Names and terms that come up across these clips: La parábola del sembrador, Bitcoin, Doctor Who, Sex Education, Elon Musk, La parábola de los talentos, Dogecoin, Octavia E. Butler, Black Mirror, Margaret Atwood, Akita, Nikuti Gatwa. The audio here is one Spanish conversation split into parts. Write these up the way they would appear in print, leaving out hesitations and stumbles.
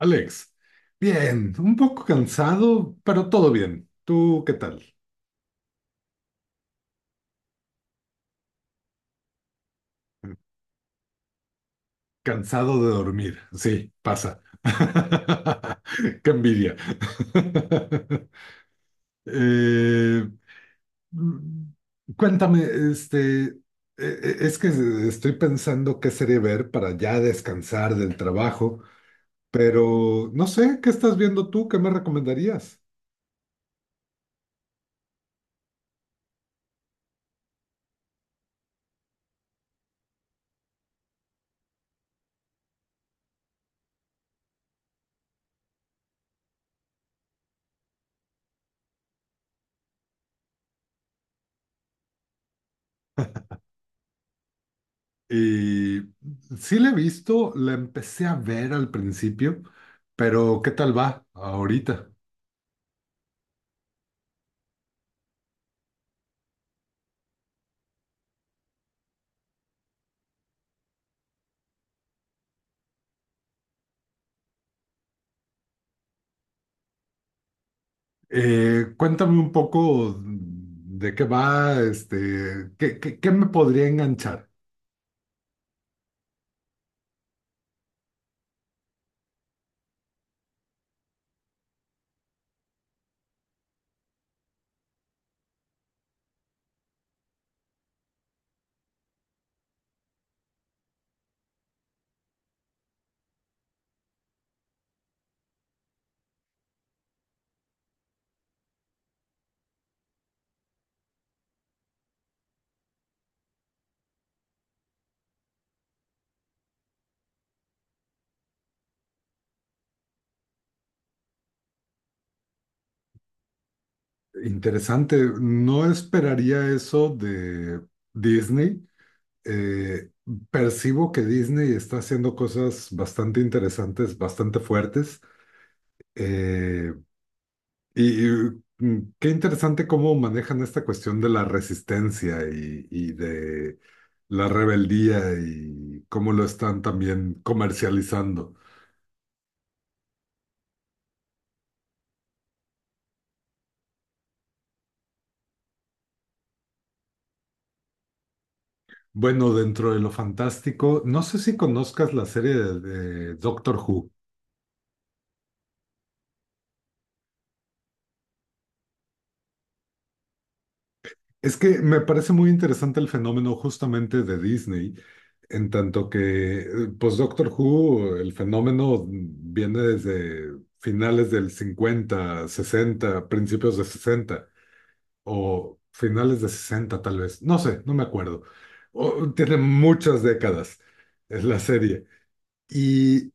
Alex, bien, un poco cansado, pero todo bien. ¿Tú qué tal? Cansado de dormir, sí, pasa. Qué envidia. Eh, mm, cuéntame, este, e- es que estoy pensando qué serie ver para ya descansar del trabajo, pero no sé, ¿qué estás viendo tú? ¿Qué me recomendarías? Y sí la he visto, la empecé a ver al principio, pero ¿qué tal va ahorita? Cuéntame un poco de qué va, qué me podría enganchar. Interesante, no esperaría eso de Disney. Eh, percibo que Disney está haciendo cosas bastante interesantes, bastante fuertes. Eh, Y, y, qué interesante cómo manejan esta cuestión de la resistencia y de la rebeldía y cómo lo están también comercializando. Bueno, dentro de lo fantástico, no sé si conozcas la serie de Doctor Who. Es que me parece muy interesante el fenómeno justamente de Disney, en tanto que, pues Doctor Who, el fenómeno viene desde finales del 50 60 principios de 60 o finales de 60 tal vez, no sé, no me acuerdo. Tiene muchas décadas es la serie. Y,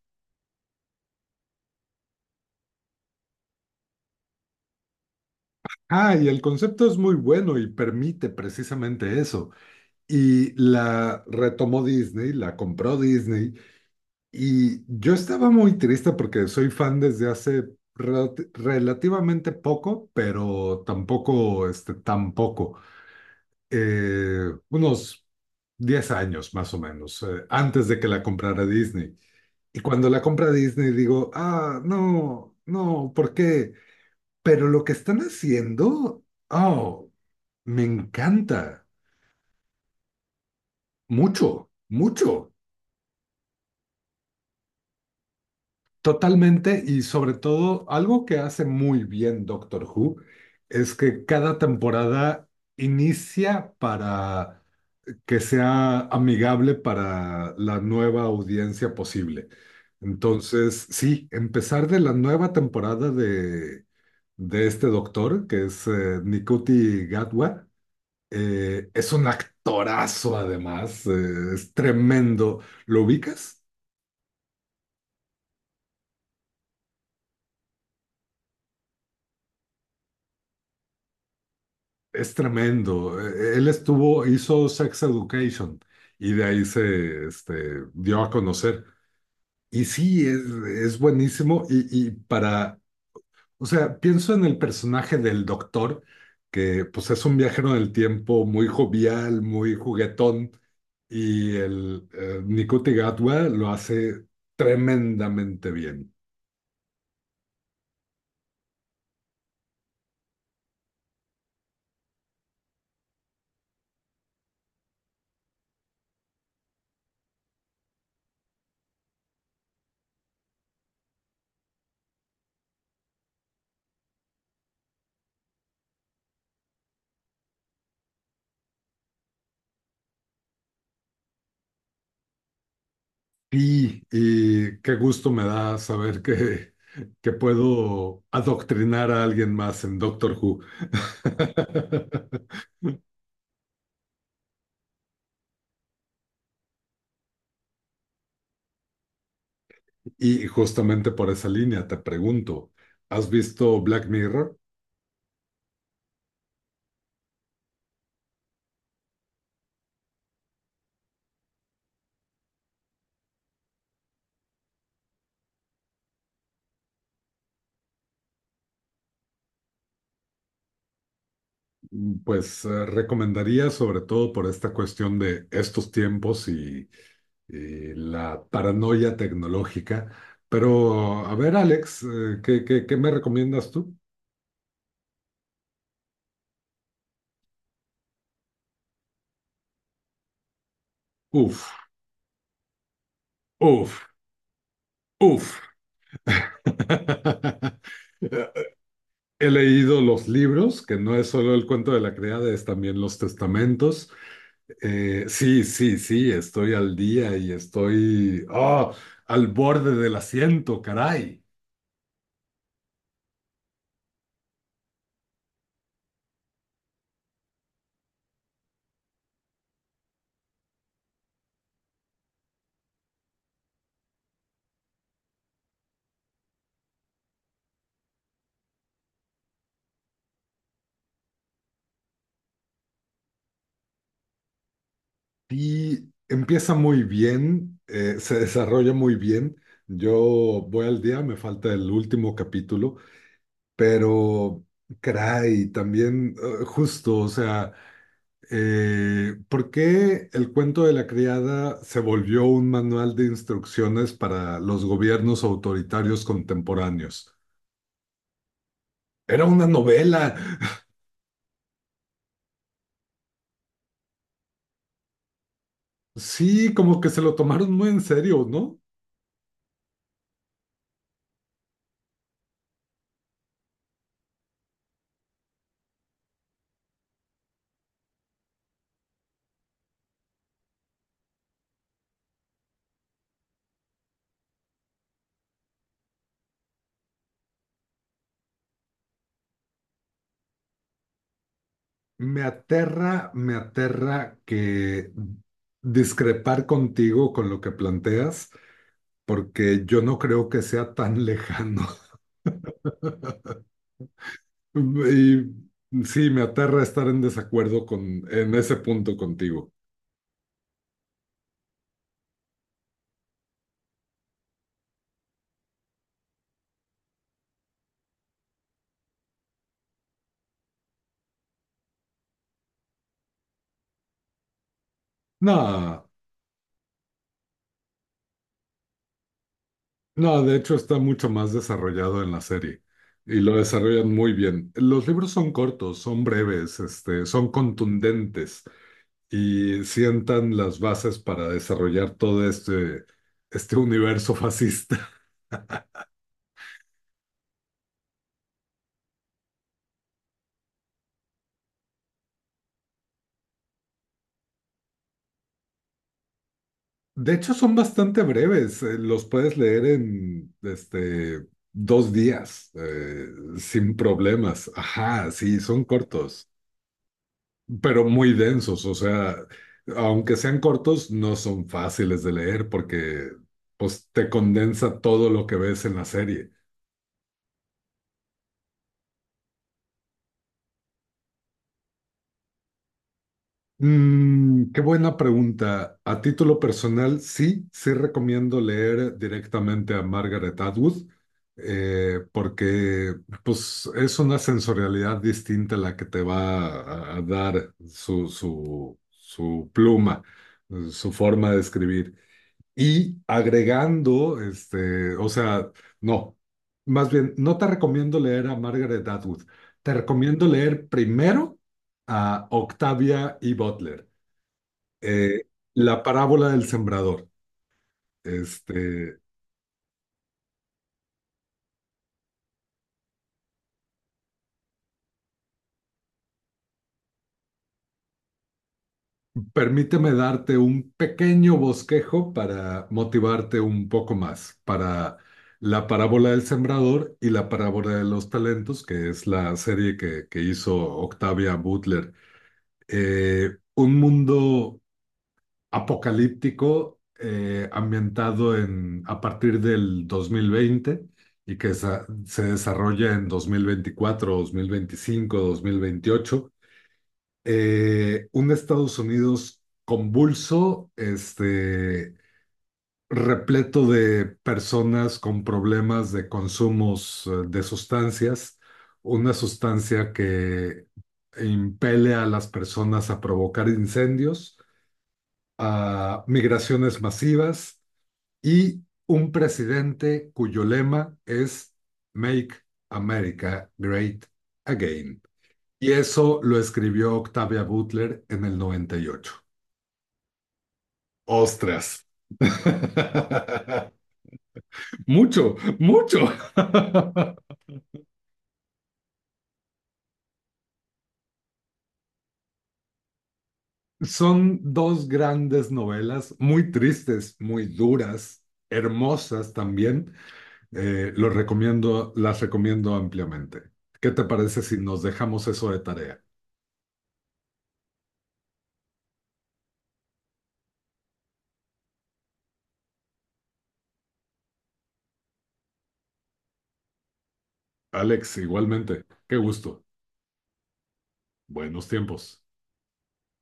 y el concepto es muy bueno y permite precisamente eso. Y la retomó Disney, la compró Disney. Y yo estaba muy triste porque soy fan desde hace relativamente poco, pero tampoco, este, tampoco. Unos 10 años más o menos, antes de que la comprara Disney. Y cuando la compra Disney digo, ah, no, no, ¿por qué? Pero lo que están haciendo, oh, me encanta, mucho, mucho, totalmente y sobre todo algo que hace muy bien Doctor Who es que cada temporada inicia para que sea amigable para la nueva audiencia posible. Entonces, sí, empezar de la nueva temporada de este doctor, que es Nikuti Gatwa, es un actorazo además, es tremendo. ¿Lo ubicas? Es tremendo. Él estuvo, hizo Sex Education y de ahí se este, dio a conocer. Y sí, es buenísimo y para... O sea, pienso en el personaje del doctor, que pues es un viajero del tiempo muy jovial, muy juguetón, y el Nikuti Gatwa lo hace tremendamente bien. Y qué gusto me da saber que puedo adoctrinar a alguien más en Doctor Who. Y justamente por esa línea te pregunto, ¿has visto Black Mirror? Pues recomendaría sobre todo por esta cuestión de estos tiempos y la paranoia tecnológica. Pero a ver, Alex, ¿qué me recomiendas tú? Uf, uf, uf. Eh, he leído los libros, que no es solo el cuento de la criada, es también los testamentos. Sí, sí, sí, estoy al día y estoy ah, al borde del asiento, caray. Y empieza muy bien, se desarrolla muy bien. Yo voy al día, me falta el último capítulo, pero caray, también justo, o sea, ¿por qué el cuento de la criada se volvió un manual de instrucciones para los gobiernos autoritarios contemporáneos? Era una novela. Sí, como que se lo tomaron muy en serio, ¿no? Me aterra que discrepar contigo con lo que planteas, porque yo no creo que sea tan lejano. Y sí, me aterra estar en desacuerdo con, en ese punto contigo. No, no, de hecho está mucho más desarrollado en la serie y lo desarrollan muy bien. Los libros son cortos, son breves, este, son contundentes. Y sientan las bases para desarrollar todo este universo fascista. De hecho, son bastante breves, los puedes leer en este, dos días, sin problemas. Ajá, sí, son cortos, pero muy densos, o sea, aunque sean cortos, no son fáciles de leer porque pues, te condensa todo lo que ves en la serie. Mm, qué buena pregunta. A título personal, sí recomiendo leer directamente a Margaret Atwood, porque pues, es una sensorialidad distinta la que te va a dar su pluma, su forma de escribir. Y agregando, este, o sea, no, más bien, no te recomiendo leer a Margaret Atwood, te recomiendo leer primero a Octavia E. Butler, eh, La parábola del sembrador. Este, permíteme darte un pequeño bosquejo para motivarte un poco más para la parábola del sembrador y la parábola de los talentos, que es la serie que hizo Octavia Butler, un mundo apocalíptico, ambientado en, a partir del 2020 y que se desarrolla en dos mil veinticuatro, dos mil veinticinco, dos mil veinticuatro 2024, 2025, 2028. Un Estados Unidos convulso, este, repleto de personas con problemas de consumos de sustancias, una sustancia que impele a las personas a provocar incendios a migraciones masivas y un presidente cuyo lema es Make America Great Again. Y eso lo escribió Octavia Butler en el 98. ¡Ostras! Mucho, mucho. Son dos grandes novelas, muy tristes, muy duras, hermosas también. Las recomiendo ampliamente. ¿Qué te parece si nos dejamos eso de tarea? Alex, igualmente. Qué gusto. Buenos tiempos.